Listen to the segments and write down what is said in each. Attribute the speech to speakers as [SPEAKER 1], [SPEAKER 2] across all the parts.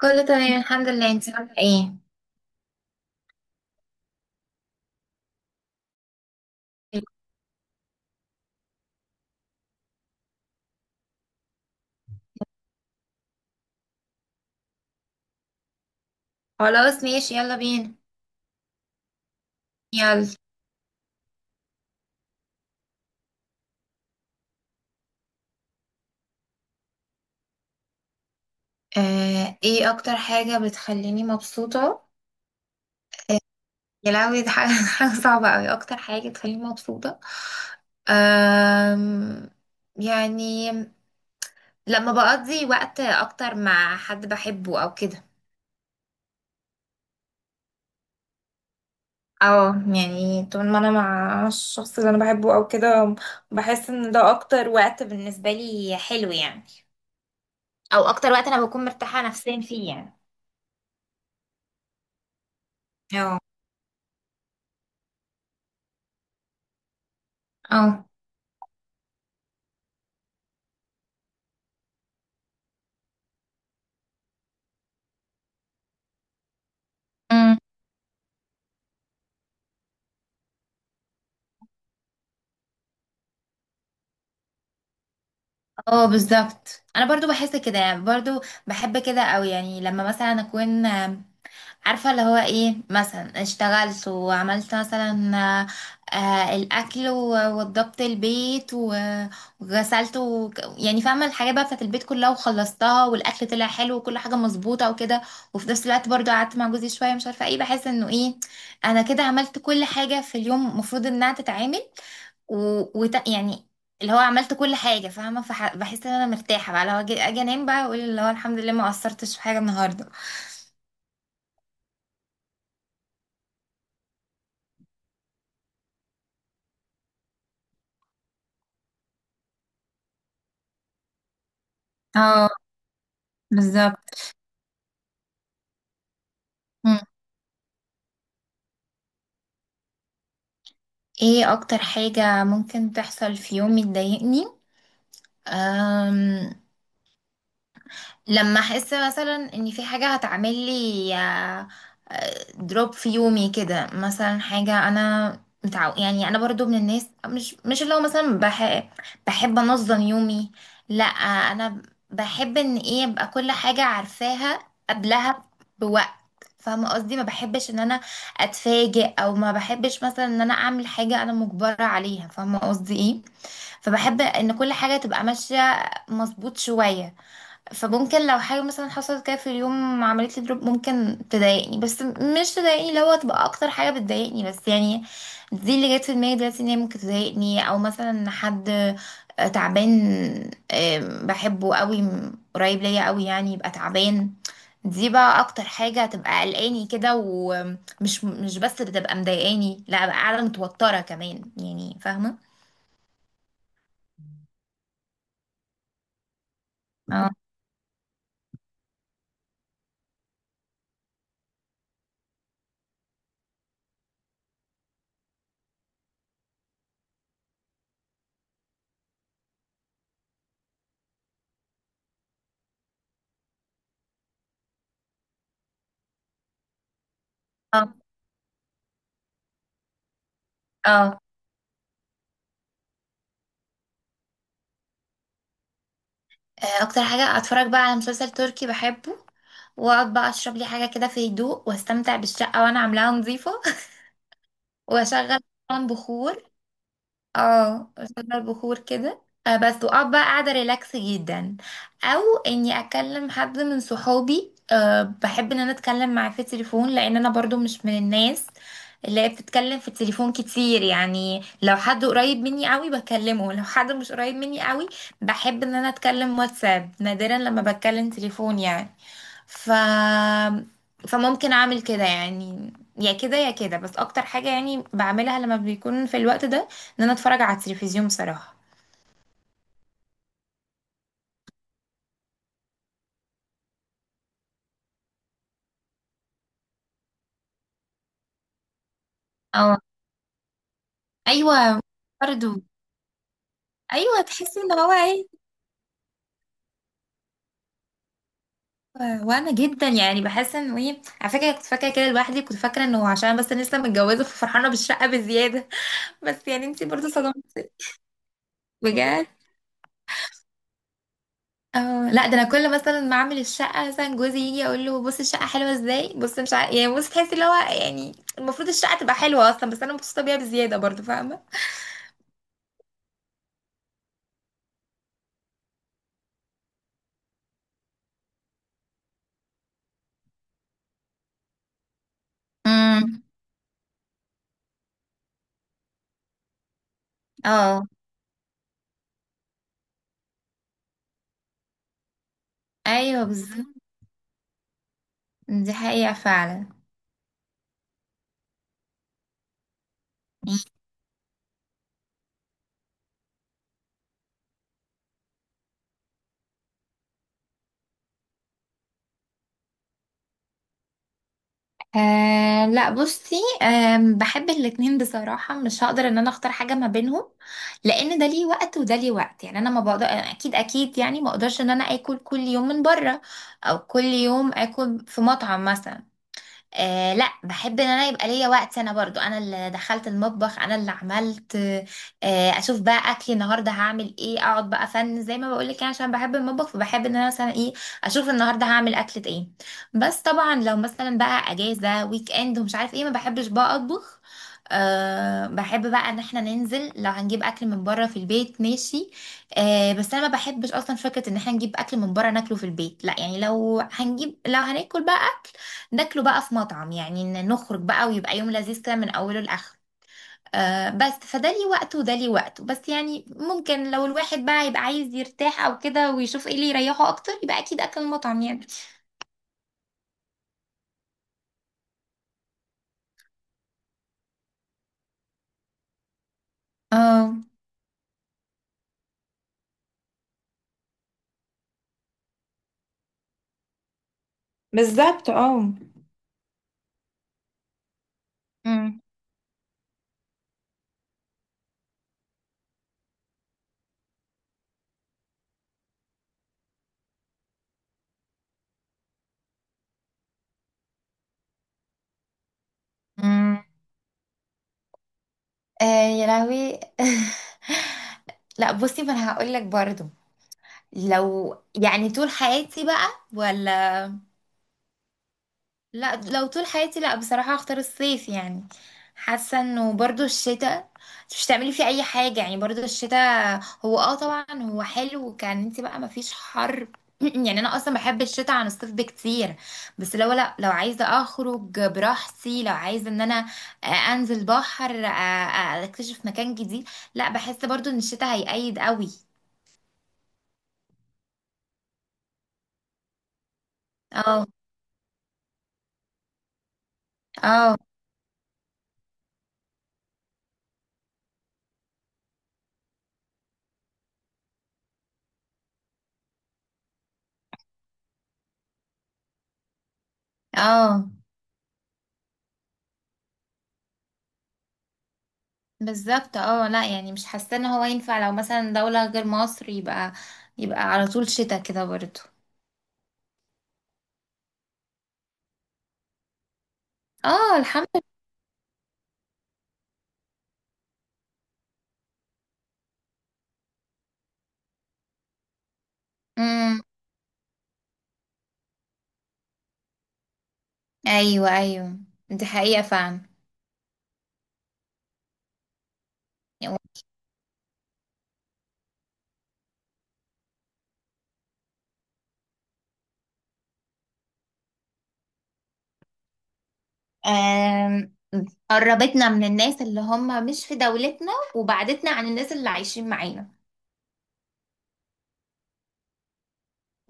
[SPEAKER 1] كله تمام الحمد لله. انت عامله ايه؟ خلاص ماشي، يلا بينا. يلا. ايه اكتر حاجه بتخليني مبسوطه؟ آه. يا لهوي، دي حاجه حاجه صعبه قوي. اكتر حاجه بتخليني مبسوطه، آم يعني لما بقضي وقت اكتر مع حد بحبه او كده. اه. يعني طول ما انا مع الشخص اللي انا بحبه او كده، بحس ان ده اكتر وقت بالنسبه لي حلو يعني، او اكتر وقت انا بكون مرتاحه نفسيا فيه يعني. اه. اه. أمم. اه، بالظبط. انا برضو بحس كده يعني، برضو بحب كده، او يعني لما مثلا اكون، عارفه اللي هو ايه، مثلا اشتغلت وعملت مثلا، الاكل ووضبت البيت وغسلت يعني فاهمه الحاجات بقى بتاعت البيت كلها وخلصتها، والاكل طلع حلو وكل حاجه مظبوطه وكده. وفي نفس الوقت برضو قعدت مع جوزي شويه، مش عارفه ايه، بحس انه ايه، انا كده عملت كل حاجه في اليوم المفروض انها تتعمل، و... يعني اللي هو عملت كل حاجة فاهمة، بحس ان انا مرتاحة بقى. لو اجي انام بقى، اقول اللي هو الحمد لله ما قصرتش في حاجة النهاردة. اه بالظبط. مم. ايه اكتر حاجة ممكن تحصل في يومي تضايقني؟ أم... لما احس مثلا ان في حاجه هتعمل لي دروب في يومي كده، مثلا حاجه انا متعو، يعني انا برضو من الناس مش اللي هو مثلا بحب انظم يومي. لا، انا بحب ان ايه ابقى كل حاجه عارفاها قبلها بوقت. فاهمه قصدي، ما بحبش ان انا اتفاجئ، او ما بحبش مثلا ان انا اعمل حاجه انا مجبره عليها، فاهمه قصدي ايه. فبحب ان كل حاجه تبقى ماشيه مظبوط شويه. فممكن لو حاجة مثلا حصلت كده في اليوم، عملت لي دروب ممكن تضايقني، بس مش تضايقني اللي هو تبقى اكتر حاجة بتضايقني، بس يعني دي اللي جت في دماغي دلوقتي ان هي ممكن تضايقني. او مثلا حد تعبان، بحبه قوي، قريب ليا قوي يعني، يبقى تعبان. دي بقى اكتر حاجة هتبقى قلقاني كده، ومش مش بس بتبقى مضايقاني، لا بقى قاعدة متوترة كمان يعني، فاهمة. اه. اه. آه. اكتر حاجة اتفرج بقى على مسلسل تركي بحبه. واقعد بقى اشرب لي حاجه كده في هدوء، واستمتع بالشقه وانا عاملاها نظيفه. واشغل طبعاً بخور. اه، قصاد البخور كده. بس واقعد بقى قاعده ريلاكس جدا. او اني اكلم حد من صحابي. بحب ان انا اتكلم معاه في التليفون، لان انا برضو مش من الناس اللي هي بتتكلم في التليفون كتير يعني. لو حد قريب مني قوي بكلمه، لو حد مش قريب مني قوي بحب ان انا اتكلم واتساب، نادرا لما بتكلم تليفون يعني. ف فممكن اعمل كده يعني، يا كده يا كده. بس اكتر حاجة يعني بعملها لما بيكون في الوقت ده ان انا اتفرج على التلفزيون بصراحه. اه. ايوه. برضو. ايوه، تحس ان هو ايه. وانا جدا يعني بحس انه ايه، على فكره كنت فاكره كده لوحدي، كنت فاكره انه عشان بس أنا لسه متجوزه ففرحانه بالشقه بزياده. بس يعني انتي برضو صدمتي. بجد. اه، لا ده انا كل مثلا ما اعمل الشقه مثلا، جوزي يجي اقول له بص الشقه حلوه ازاي، بص مش عارف يعني، بص تحسي اللي هو يعني، المفروض الشقه تبقى حلوه اصلا، بس انا مبسوطه بيها بزياده برضو، فاهمه. امم. اه. ايوه، بالظبط. دي حقيقه فعلا. أه، لا بصي. أه، بحب الاتنين بصراحة، مش هقدر ان انا اختار حاجة ما بينهم، لان ده ليه وقت وده ليه وقت يعني. انا ما بقدر، اكيد اكيد يعني ما اقدرش ان انا اكل كل يوم من بره، او كل يوم اكل في مطعم مثلا. لا، بحب ان انا يبقى ليا وقت، انا برضو انا اللي دخلت المطبخ انا اللي عملت. اشوف بقى اكلي النهارده هعمل ايه، اقعد بقى فن زي ما بقولك يعني، عشان بحب المطبخ، فبحب ان انا مثلا ايه اشوف النهارده هعمل اكلة ايه. بس طبعا لو مثلا بقى اجازة ويك اند ومش عارف ايه، ما بحبش بقى اطبخ. بحب بقى ان احنا ننزل. لو هنجيب اكل من بره في البيت ماشي. بس انا ما بحبش اصلا فكره ان احنا نجيب اكل من بره ناكله في البيت، لا يعني. لو هنجيب، لو هناكل بقى ناكله بقى في مطعم يعني، إن نخرج بقى ويبقى يوم لذيذ كده من أوله لآخره. بس فده ليه وقته وده ليه وقته. بس يعني ممكن لو الواحد بقى يبقى عايز يرتاح أو كده، ويشوف إيه اللي يريحه أكتر، يبقى أكيد أكل المطعم يعني. اه بالظبط. اه. مم. مم. آه، يا لهوي. لا بصي، ما انا هقول لك برضو، لو يعني طول حياتي بقى، ولا، لا، لو طول حياتي، لا بصراحة هختار الصيف يعني. حاسة انه برضو الشتاء مش تعملي فيه اي حاجة يعني. برضو الشتاء هو، طبعا هو حلو كان انت بقى مفيش حر، يعني انا اصلا بحب الشتاء عن الصيف بكتير. بس لو، لا لو عايزة اخرج براحتي، لو عايزة ان انا انزل بحر، اكتشف مكان جديد، لا بحس برضو ان الشتاء هيقيد قوي. اه. اه. اه، بالظبط. اه، لا يعني مش حاسه ان هو ينفع لو مثلا دوله غير مصر، يبقى على طول شتاء كده برضه. اه الحمد لله. امم. ايوه، ايوه. دي حقيقه فعلا. آم، قربتنا من الناس اللي هم مش في دولتنا وبعدتنا عن الناس اللي عايشين معانا.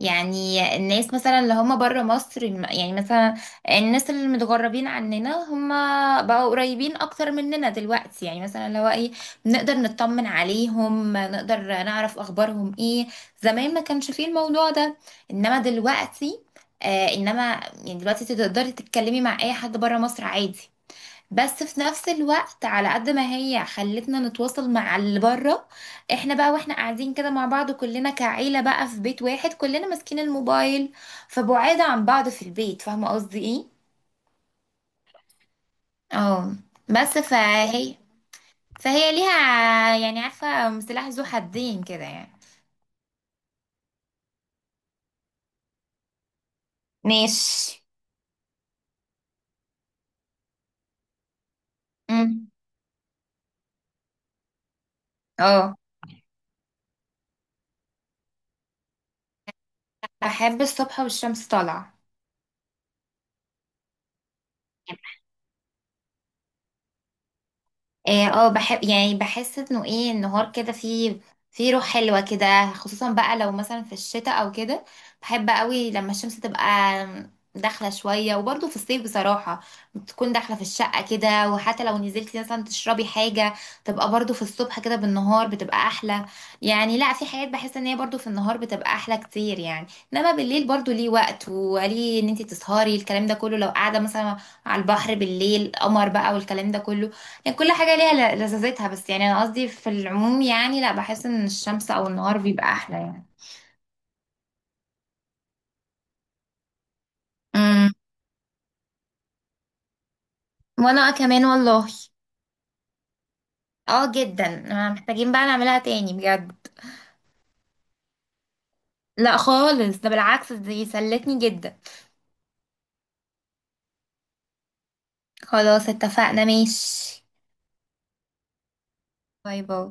[SPEAKER 1] يعني الناس مثلا اللي هم بره مصر يعني، مثلا الناس اللي متغربين عننا، هم بقوا قريبين اكتر مننا دلوقتي، يعني مثلا لو ايه نقدر نطمن عليهم، نقدر نعرف اخبارهم ايه. زمان ما كانش فيه الموضوع ده، انما دلوقتي، انما يعني دلوقتي تقدري تتكلمي مع اي حد بره مصر عادي. بس في نفس الوقت، على قد ما هي خلتنا نتواصل مع اللي بره، احنا بقى واحنا قاعدين كده مع بعض كلنا كعيلة بقى في بيت واحد، كلنا ماسكين الموبايل، فبعاد عن بعض في البيت، فاهمة قصدي ايه. اه، بس فهي ليها يعني، عارفة، سلاح ذو حدين كده يعني. ماشي. امم. اه، بحب الصبح والشمس طالعة. اه، بحب يعني، بحس انه ايه النهار كده فيه روح حلوة كده، خصوصا بقى لو مثلا في الشتاء او كده بحب قوي لما الشمس تبقى داخلة شوية. وبرضه في الصيف بصراحة بتكون داخلة في الشقة كده، وحتى لو نزلتي مثلا تشربي حاجة تبقى برضه في الصبح كده. بالنهار بتبقى احلى يعني، لا في حاجات بحس ان هي برضه في النهار بتبقى احلى كتير يعني. انما بالليل برضه ليه وقت، وليه ان انت تسهري، الكلام ده كله لو قاعدة مثلا على البحر بالليل قمر بقى والكلام ده كله. يعني كل حاجة ليها لذاذتها. بس يعني أنا قصدي في العموم يعني، لا بحس إن الشمس أو النهار بيبقى أحلى يعني. امم. وانا كمان والله. اه جدا. محتاجين بقى نعملها تاني بجد. لا خالص، ده بالعكس دي سلتني جدا. خلاص، اتفقنا، ماشي. باي باي.